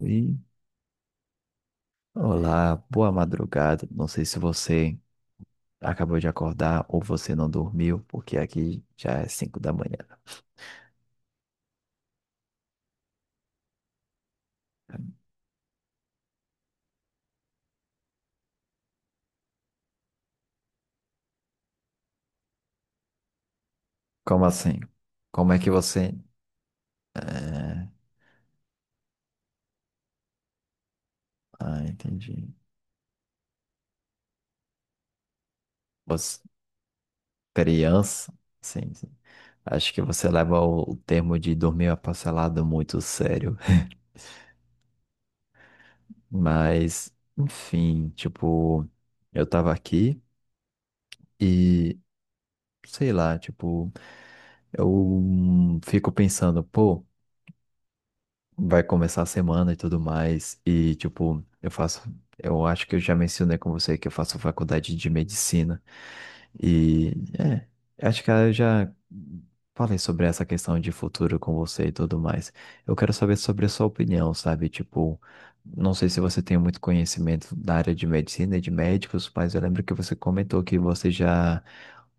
E Olá, boa madrugada. Não sei se você acabou de acordar ou você não dormiu, porque aqui já é 5 da manhã. Como assim? Como é que você. é, Ah, entendi. Você... Criança? Sim, sim. Acho que você leva o termo de dormir aparcelado muito sério. Mas, enfim, tipo, eu tava aqui e sei lá, tipo, eu fico pensando, pô. Vai começar a semana e tudo mais. E, tipo, eu faço. Eu acho que eu já mencionei com você que eu faço faculdade de medicina. E é, acho que eu já falei sobre essa questão de futuro com você e tudo mais. Eu quero saber sobre a sua opinião, sabe? Tipo, não sei se você tem muito conhecimento da área de medicina e de médicos, mas eu lembro que você comentou que você já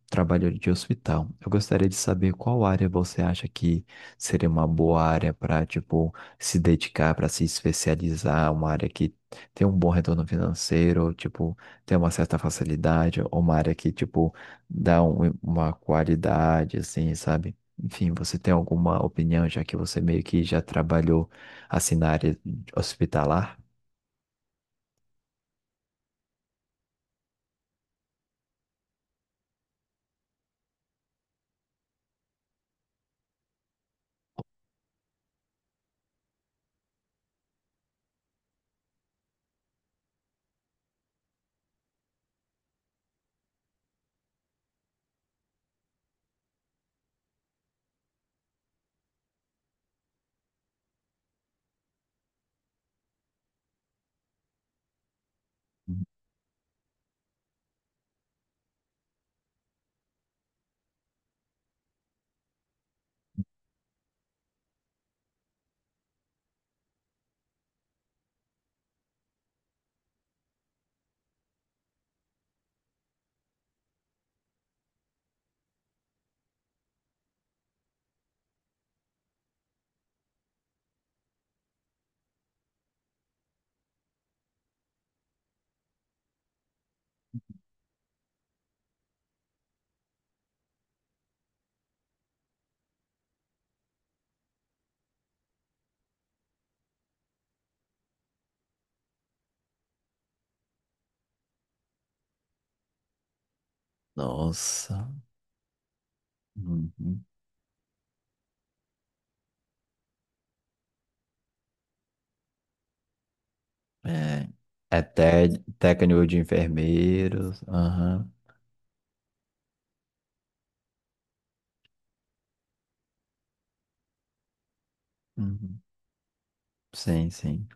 trabalhou de hospital. Eu gostaria de saber qual área você acha que seria uma boa área para, tipo, se dedicar, para se especializar, uma área que tem um bom retorno financeiro, tipo tem uma certa facilidade, ou uma área que, tipo, dá uma qualidade, assim, sabe? Enfim, você tem alguma opinião, já que você meio que já trabalhou assim na área hospitalar? Nossa. Uhum. É, é té- técnico de enfermeiros. Aham. Uhum. Sim, sim.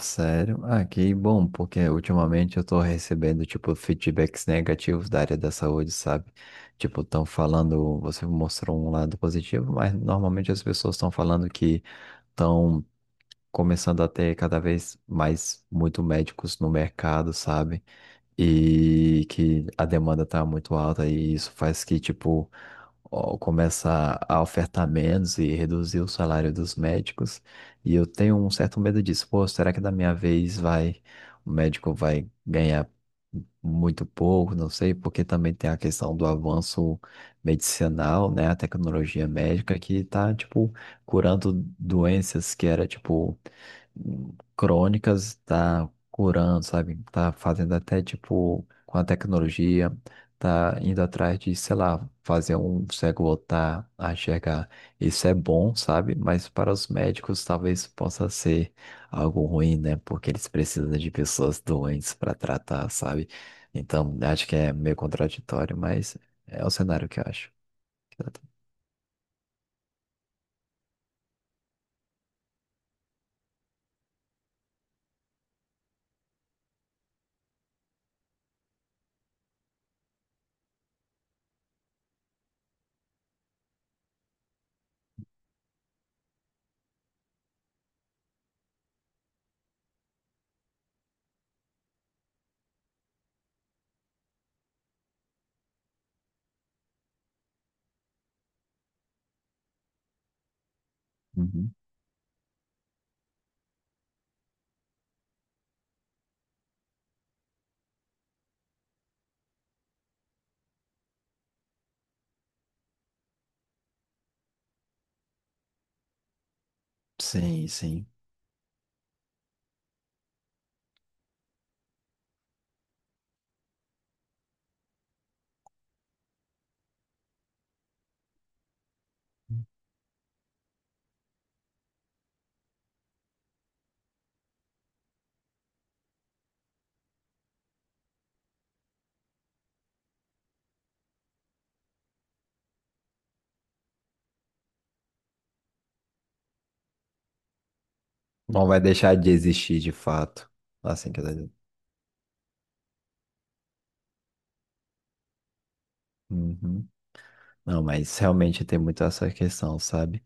Sério? Ah, que bom, porque ultimamente eu tô recebendo, tipo, feedbacks negativos da área da saúde, sabe? Tipo, estão falando, você mostrou um lado positivo, mas normalmente as pessoas estão falando que estão começando a ter cada vez mais muito médicos no mercado, sabe? E que a demanda tá muito alta e isso faz que, tipo, ó, começa a ofertar menos e reduzir o salário dos médicos. E eu tenho um certo medo disso. Pô, será que da minha vez vai, o médico vai ganhar muito pouco? Não sei, porque também tem a questão do avanço medicinal, né? A tecnologia médica que tá, tipo, curando doenças que era, tipo, crônicas, tá curando, sabe? Tá fazendo até tipo com a tecnologia, tá indo atrás de, sei lá, fazer um cego voltar a enxergar. Isso é bom, sabe? Mas para os médicos talvez possa ser algo ruim, né? Porque eles precisam de pessoas doentes para tratar, sabe? Então, acho que é meio contraditório, mas é o cenário que eu acho. Uhum. Sim, sim. Não vai deixar de existir de fato. Assim que eu Uhum. Não, mas realmente tem muito essa questão, sabe?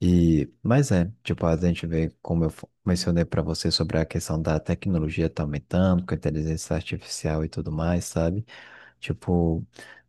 E, mas é, tipo, a gente vê, como eu mencionei para você sobre a questão da tecnologia tá aumentando, com a inteligência artificial e tudo mais, sabe? Tipo,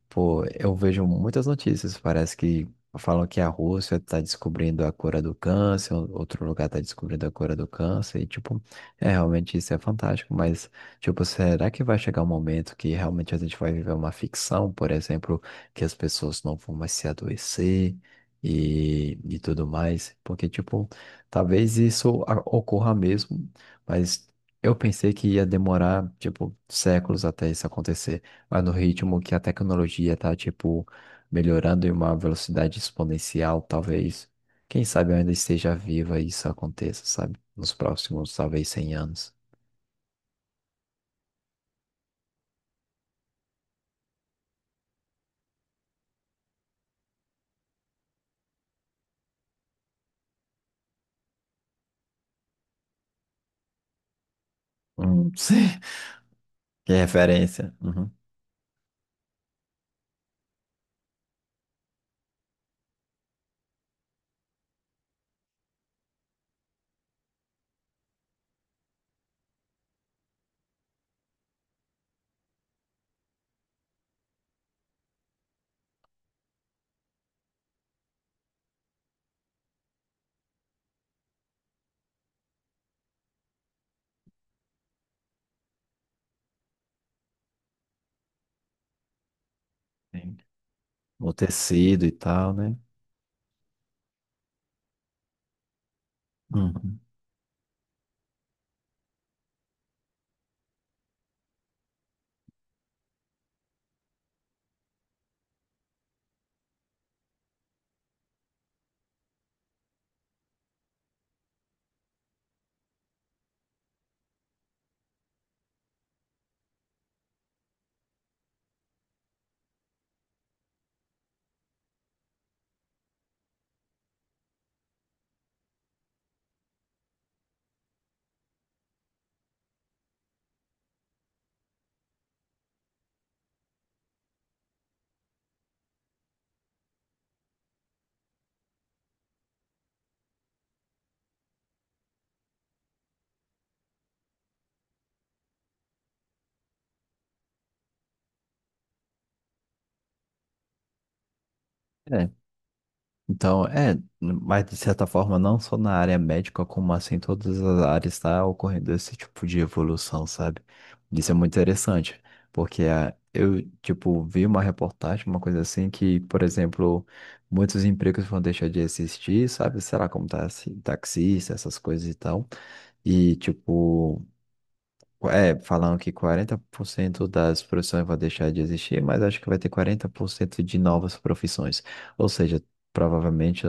pô, eu vejo muitas notícias. Parece que falam que a Rússia tá descobrindo a cura do câncer, outro lugar tá descobrindo a cura do câncer, e tipo, é realmente isso é fantástico, mas tipo, será que vai chegar um momento que realmente a gente vai viver uma ficção, por exemplo, que as pessoas não vão mais se adoecer e tudo mais? Porque, tipo, talvez isso ocorra mesmo, mas eu pensei que ia demorar, tipo, séculos até isso acontecer. Mas no ritmo que a tecnologia tá, tipo, melhorando em uma velocidade exponencial, talvez, quem sabe eu ainda esteja viva e isso aconteça, sabe? Nos próximos, talvez, 100 anos. Sim. Que referência. Uhum. Sim. O tecido e tal, né? Uhum. É, então, mas de certa forma, não só na área médica, como assim, em todas as áreas está ocorrendo esse tipo de evolução, sabe? Isso é muito interessante, porque eu, tipo, vi uma reportagem, uma coisa assim, que, por exemplo, muitos empregos vão deixar de existir, sabe? Será como tá, assim, taxista, essas coisas e tal. E, tipo. É, falam que 40% das profissões vão deixar de existir, mas acho que vai ter 40% de novas profissões. Ou seja, provavelmente,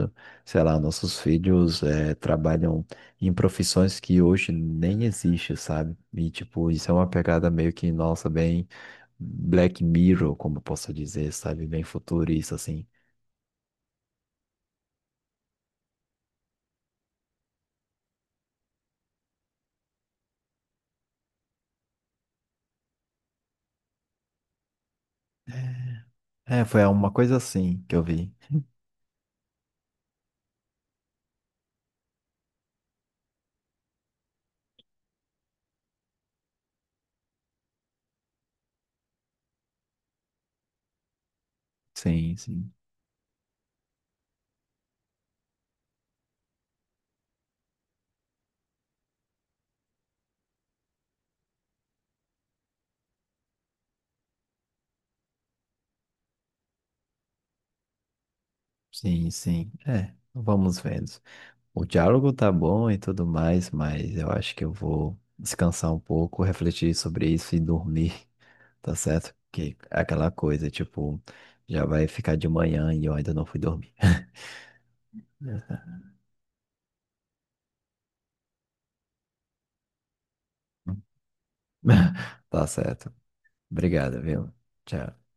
sei lá, nossos filhos trabalham em profissões que hoje nem existem, sabe? E, tipo, isso é uma pegada meio que, nossa, bem Black Mirror, como eu posso dizer, sabe? Bem futurista, assim. É, foi uma coisa assim que eu vi. Sim, sim, sim, sim. É, vamos vendo. O diálogo tá bom e tudo mais, mas eu acho que eu vou descansar um pouco, refletir sobre isso e dormir, tá certo? Que é aquela coisa, tipo, já vai ficar de manhã e eu ainda não fui dormir. Tá certo. Obrigado, viu? Tchau.